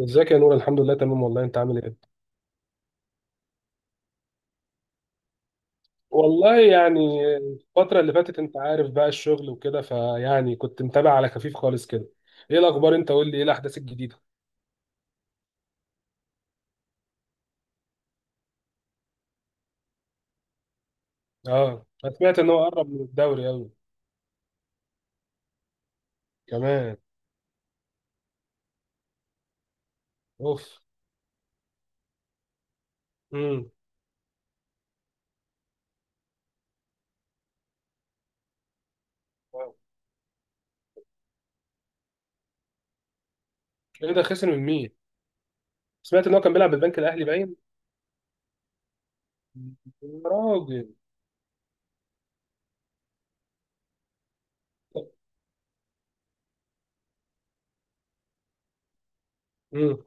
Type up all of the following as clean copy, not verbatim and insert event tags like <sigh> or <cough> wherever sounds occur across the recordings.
ازيك يا نور؟ الحمد لله تمام والله. انت عامل ايه؟ والله يعني الفترة اللي فاتت انت عارف بقى الشغل وكده، فيعني كنت متابع على خفيف خالص كده. ايه الاخبار؟ انت قول لي ايه الاحداث الجديدة؟ اه، انا سمعت ان هو قرب من الدوري قوي. كمان. اوف. امم. ايه ده؟ خسر من مين؟ سمعت ان هو كان بيلعب بالبنك الاهلي باين. يا راجل. امم.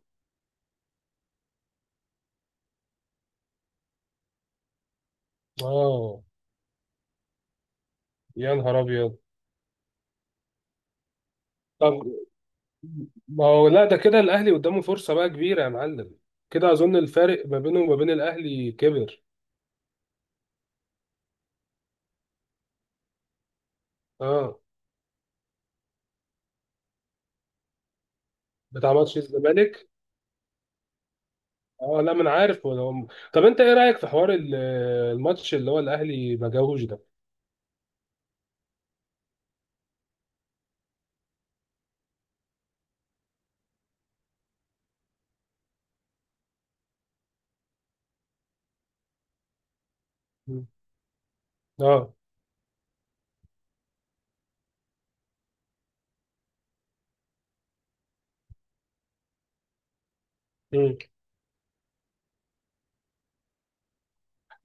اه. يا نهار ابيض. طب. ما هو لا، ده كده الاهلي قدامه فرصة بقى كبيرة يا معلم. كده اظن الفارق ما بينه وما بين الاهلي كبر. اه. بتاع ماتش الزمالك. اه، لا، ما انا عارف طب، انت ايه رايك في حوار الماتش اللي هو الاهلي ما جاهوش ده؟ مم. اه،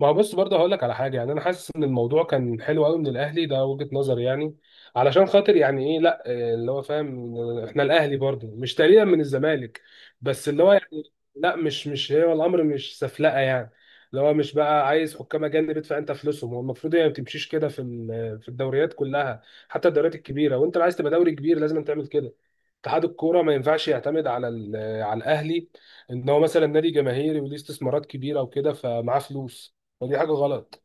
ما هو بص برضه، هقول لك على حاجه يعني انا حاسس ان الموضوع كان حلو قوي من الاهلي، ده وجهه نظري يعني. علشان خاطر يعني ايه، لا، اللي هو فاهم، احنا الاهلي برضه مش تقريبا من الزمالك. بس اللي هو يعني. لا، مش هو الامر، مش سفلقه يعني. اللي هو مش بقى عايز حكام اجانب، ادفع انت فلوسهم، هو المفروض هي ما بتمشيش كده في الدوريات كلها. حتى الدوريات الكبيره، وانت لو عايز تبقى دوري كبير لازم تعمل كده. اتحاد الكوره ما ينفعش يعتمد على الاهلي، ان هو مثلا نادي جماهيري وليه استثمارات كبيره وكده فمعاه فلوس. فدي حاجه غلط.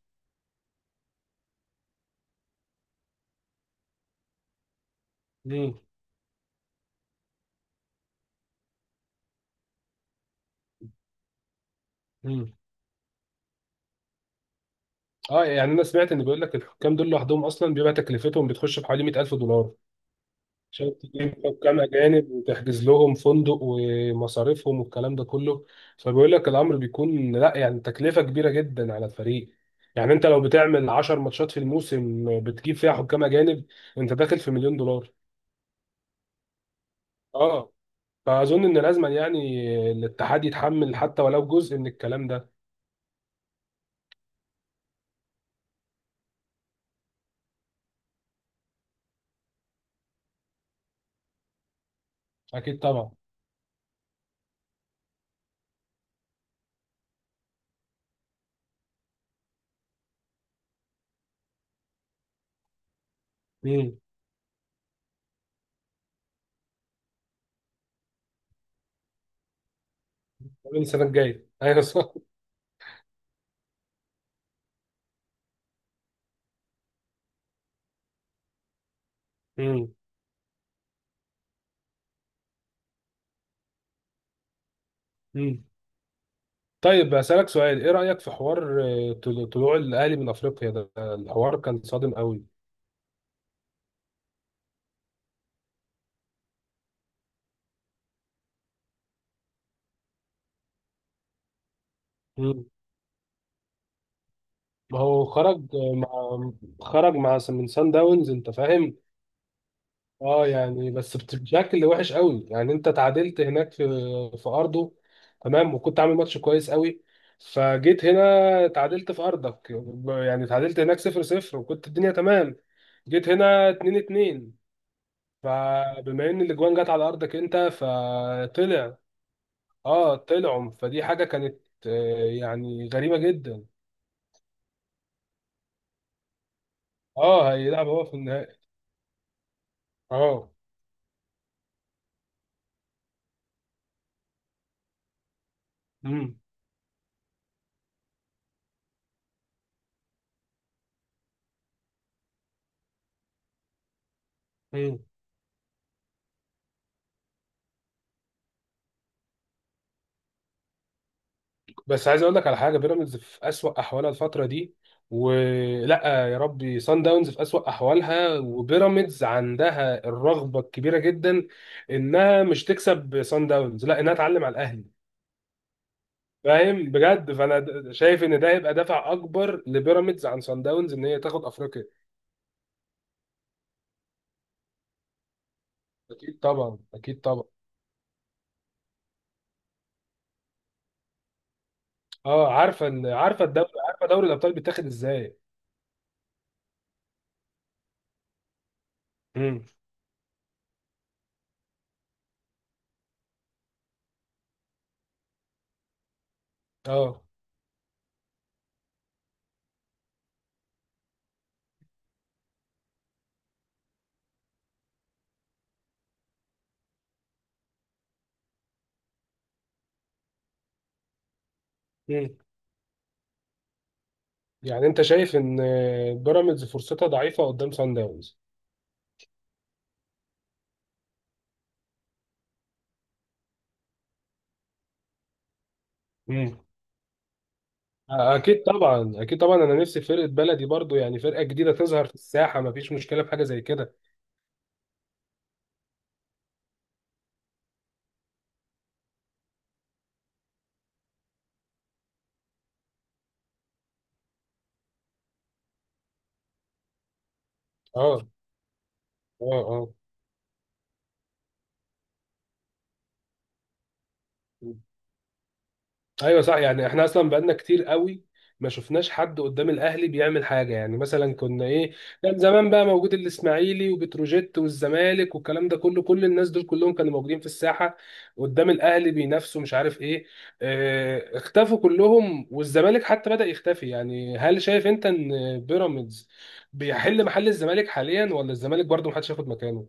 مم. مم. اه، يعني انا سمعت ان بيقول لك الحكام دول لوحدهم اصلا بيبقى تكلفتهم بتخش في حوالي 100,000 دولار، عشان تجيب حكام اجانب وتحجز لهم فندق ومصاريفهم والكلام ده كله. فبيقول لك الامر بيكون لا يعني تكلفه كبيره جدا على الفريق. يعني انت لو بتعمل 10 ماتشات في الموسم بتجيب فيها حكام اجانب، انت داخل في مليون دولار. اه. فاظن ان لازم يعني الاتحاد يتحمل حتى ولو جزء من الكلام ده. اكيد طبعا. مم. من السنه الجايه، ايوه صح. مم. مم. طيب، أسألك سؤال، إيه رأيك في حوار طلوع الأهلي من أفريقيا؟ ده الحوار كان صادم قوي. مم. ما هو خرج مع، خرج من سان داونز، أنت فاهم؟ أه، يعني بس بشكل وحش قوي يعني، أنت تعادلت هناك في أرضه. تمام، وكنت عامل ماتش كويس قوي. فجيت هنا تعادلت في أرضك. يعني تعادلت هناك 0-0 وكنت الدنيا تمام. جيت هنا 2-2. فبما ان الاجوان جت على ارضك انت فطلع. اه طلعوا، فدي حاجه كانت يعني غريبه جدا. اه، هيلعب هو في النهائي. اه. امم. امم. بس عايز اقول لك على حاجه، بيراميدز في اسوأ احوالها الفتره دي، ولا يا ربي سان داونز في اسوأ احوالها، وبيراميدز عندها الرغبه الكبيره جدا انها مش تكسب سان داونز، لا انها تعلم على الاهلي. فاهم بجد؟ فانا شايف ان ده هيبقى دافع اكبر لبيراميدز عن سان داونز ان هي تاخد افريقيا. اكيد طبعا، اكيد طبعا. اه، عارفه الدوري، عارفه دوري الابطال بيتاخد ازاي. امم. اه. امم. يعني انت شايف ان بيراميدز فرصتها ضعيفه قدام سان داونز؟ امم. اكيد طبعا، اكيد طبعا. انا نفسي فرقه بلدي برضو يعني، فرقه جديده تظهر في الساحه، ما فيش مشكله في حاجه زي كده. اه، اه، اه، ايوه صح. يعني احنا اصلا بقالنا كتير قوي ما شفناش حد قدام الاهلي بيعمل حاجه، يعني مثلا كنا ايه. كان زمان بقى موجود الاسماعيلي وبتروجيت والزمالك والكلام ده كله، كل الناس دول كلهم كانوا موجودين في الساحه قدام الاهلي بينافسوا، مش عارف ايه. اه، اختفوا كلهم، والزمالك حتى بدأ يختفي. يعني هل شايف انت ان بيراميدز بيحل محل الزمالك حاليا، ولا الزمالك برضه محدش ياخد مكانه؟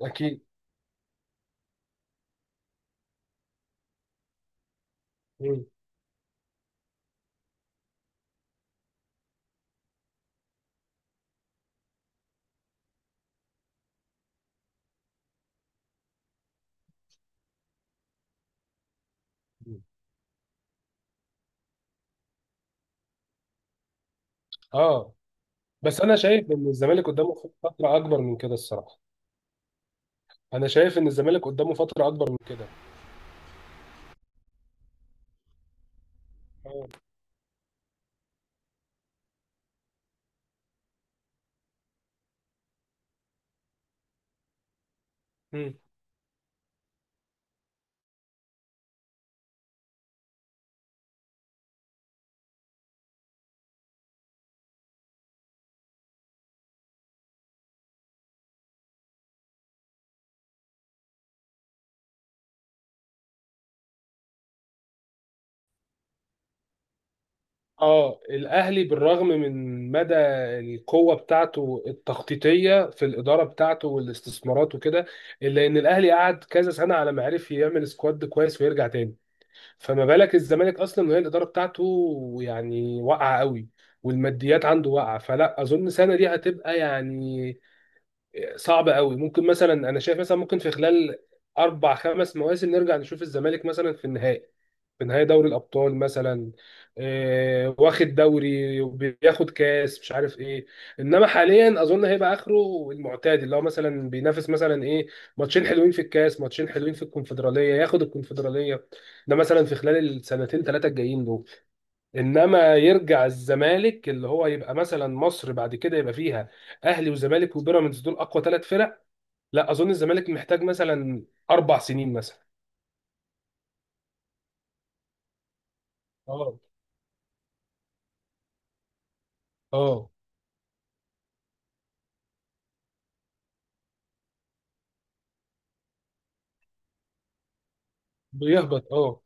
اكيد. مم. اه، بس انا شايف ان الزمالك قدامه فتره اكبر من كده الصراحه. انا شايف ان الزمالك قدامه فتره اكبر من كده. اه. مم. اه، الاهلي بالرغم من مدى القوه بتاعته التخطيطيه في الاداره بتاعته والاستثمارات وكده، الا ان الاهلي قعد كذا سنه على ما عرف يعمل سكواد كويس ويرجع تاني. فما بالك الزمالك اصلا، وهي الاداره بتاعته يعني واقعه قوي، والماديات عنده واقعه، فلا اظن السنه دي هتبقى يعني صعبه قوي. ممكن مثلا، انا شايف مثلا، ممكن في خلال اربع خمس مواسم نرجع نشوف الزمالك مثلا في النهائي، في نهائي دوري الابطال مثلا، واخد دوري وبياخد كاس، مش عارف ايه. انما حاليا اظن هيبقى اخره المعتاد، اللي هو مثلا بينافس مثلا ايه، ماتشين حلوين في الكاس، ماتشين حلوين في الكونفدراليه، ياخد الكونفدراليه. ده مثلا في خلال السنتين ثلاثه الجايين دول. انما يرجع الزمالك اللي هو يبقى مثلا مصر بعد كده يبقى فيها اهلي وزمالك وبيراميدز، دول اقوى 3 فرق. لا اظن الزمالك محتاج مثلا 4 سنين مثلا. اه. اه، بيهبط اه،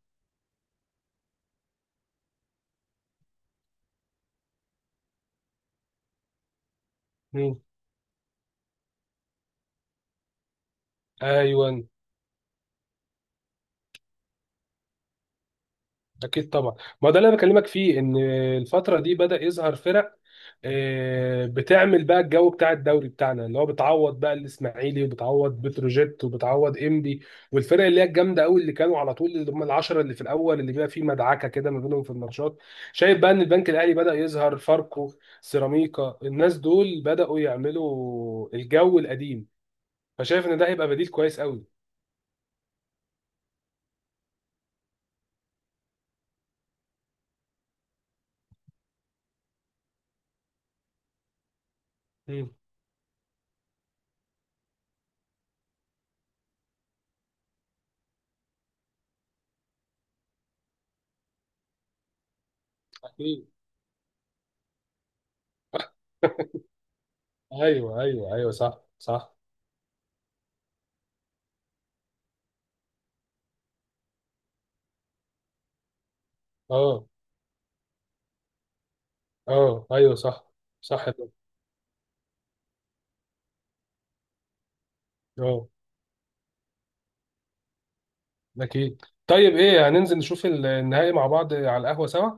ايوه، اكيد طبعا. ما ده اللي انا بكلمك فيه، ان الفتره دي بدا يظهر فرق بتعمل بقى الجو بتاع الدوري بتاعنا، اللي هو بتعوض بقى الاسماعيلي وبتعوض بتروجيت وبتعوض انبي. والفرق اللي هي الجامده قوي، اللي كانوا على طول، اللي هم العشره اللي في الاول، اللي بيبقى فيه مدعكه كده ما بينهم في الماتشات. شايف بقى ان البنك الاهلي بدا يظهر، فاركو، سيراميكا، الناس دول بداوا يعملوا الجو القديم. فشايف ان ده هيبقى بديل كويس قوي. مم. <laughs> اكيد. ايوه، ايوه، ايوه، صح، صح. اه، اه، ايوه، صح، صح ده. اه، اكيد. طيب، ايه، هننزل نشوف النهائي مع بعض على القهوة سوا؟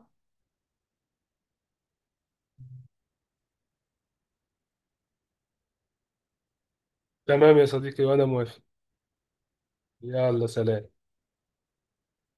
تمام يا صديقي، وانا موافق. يلا، سلام.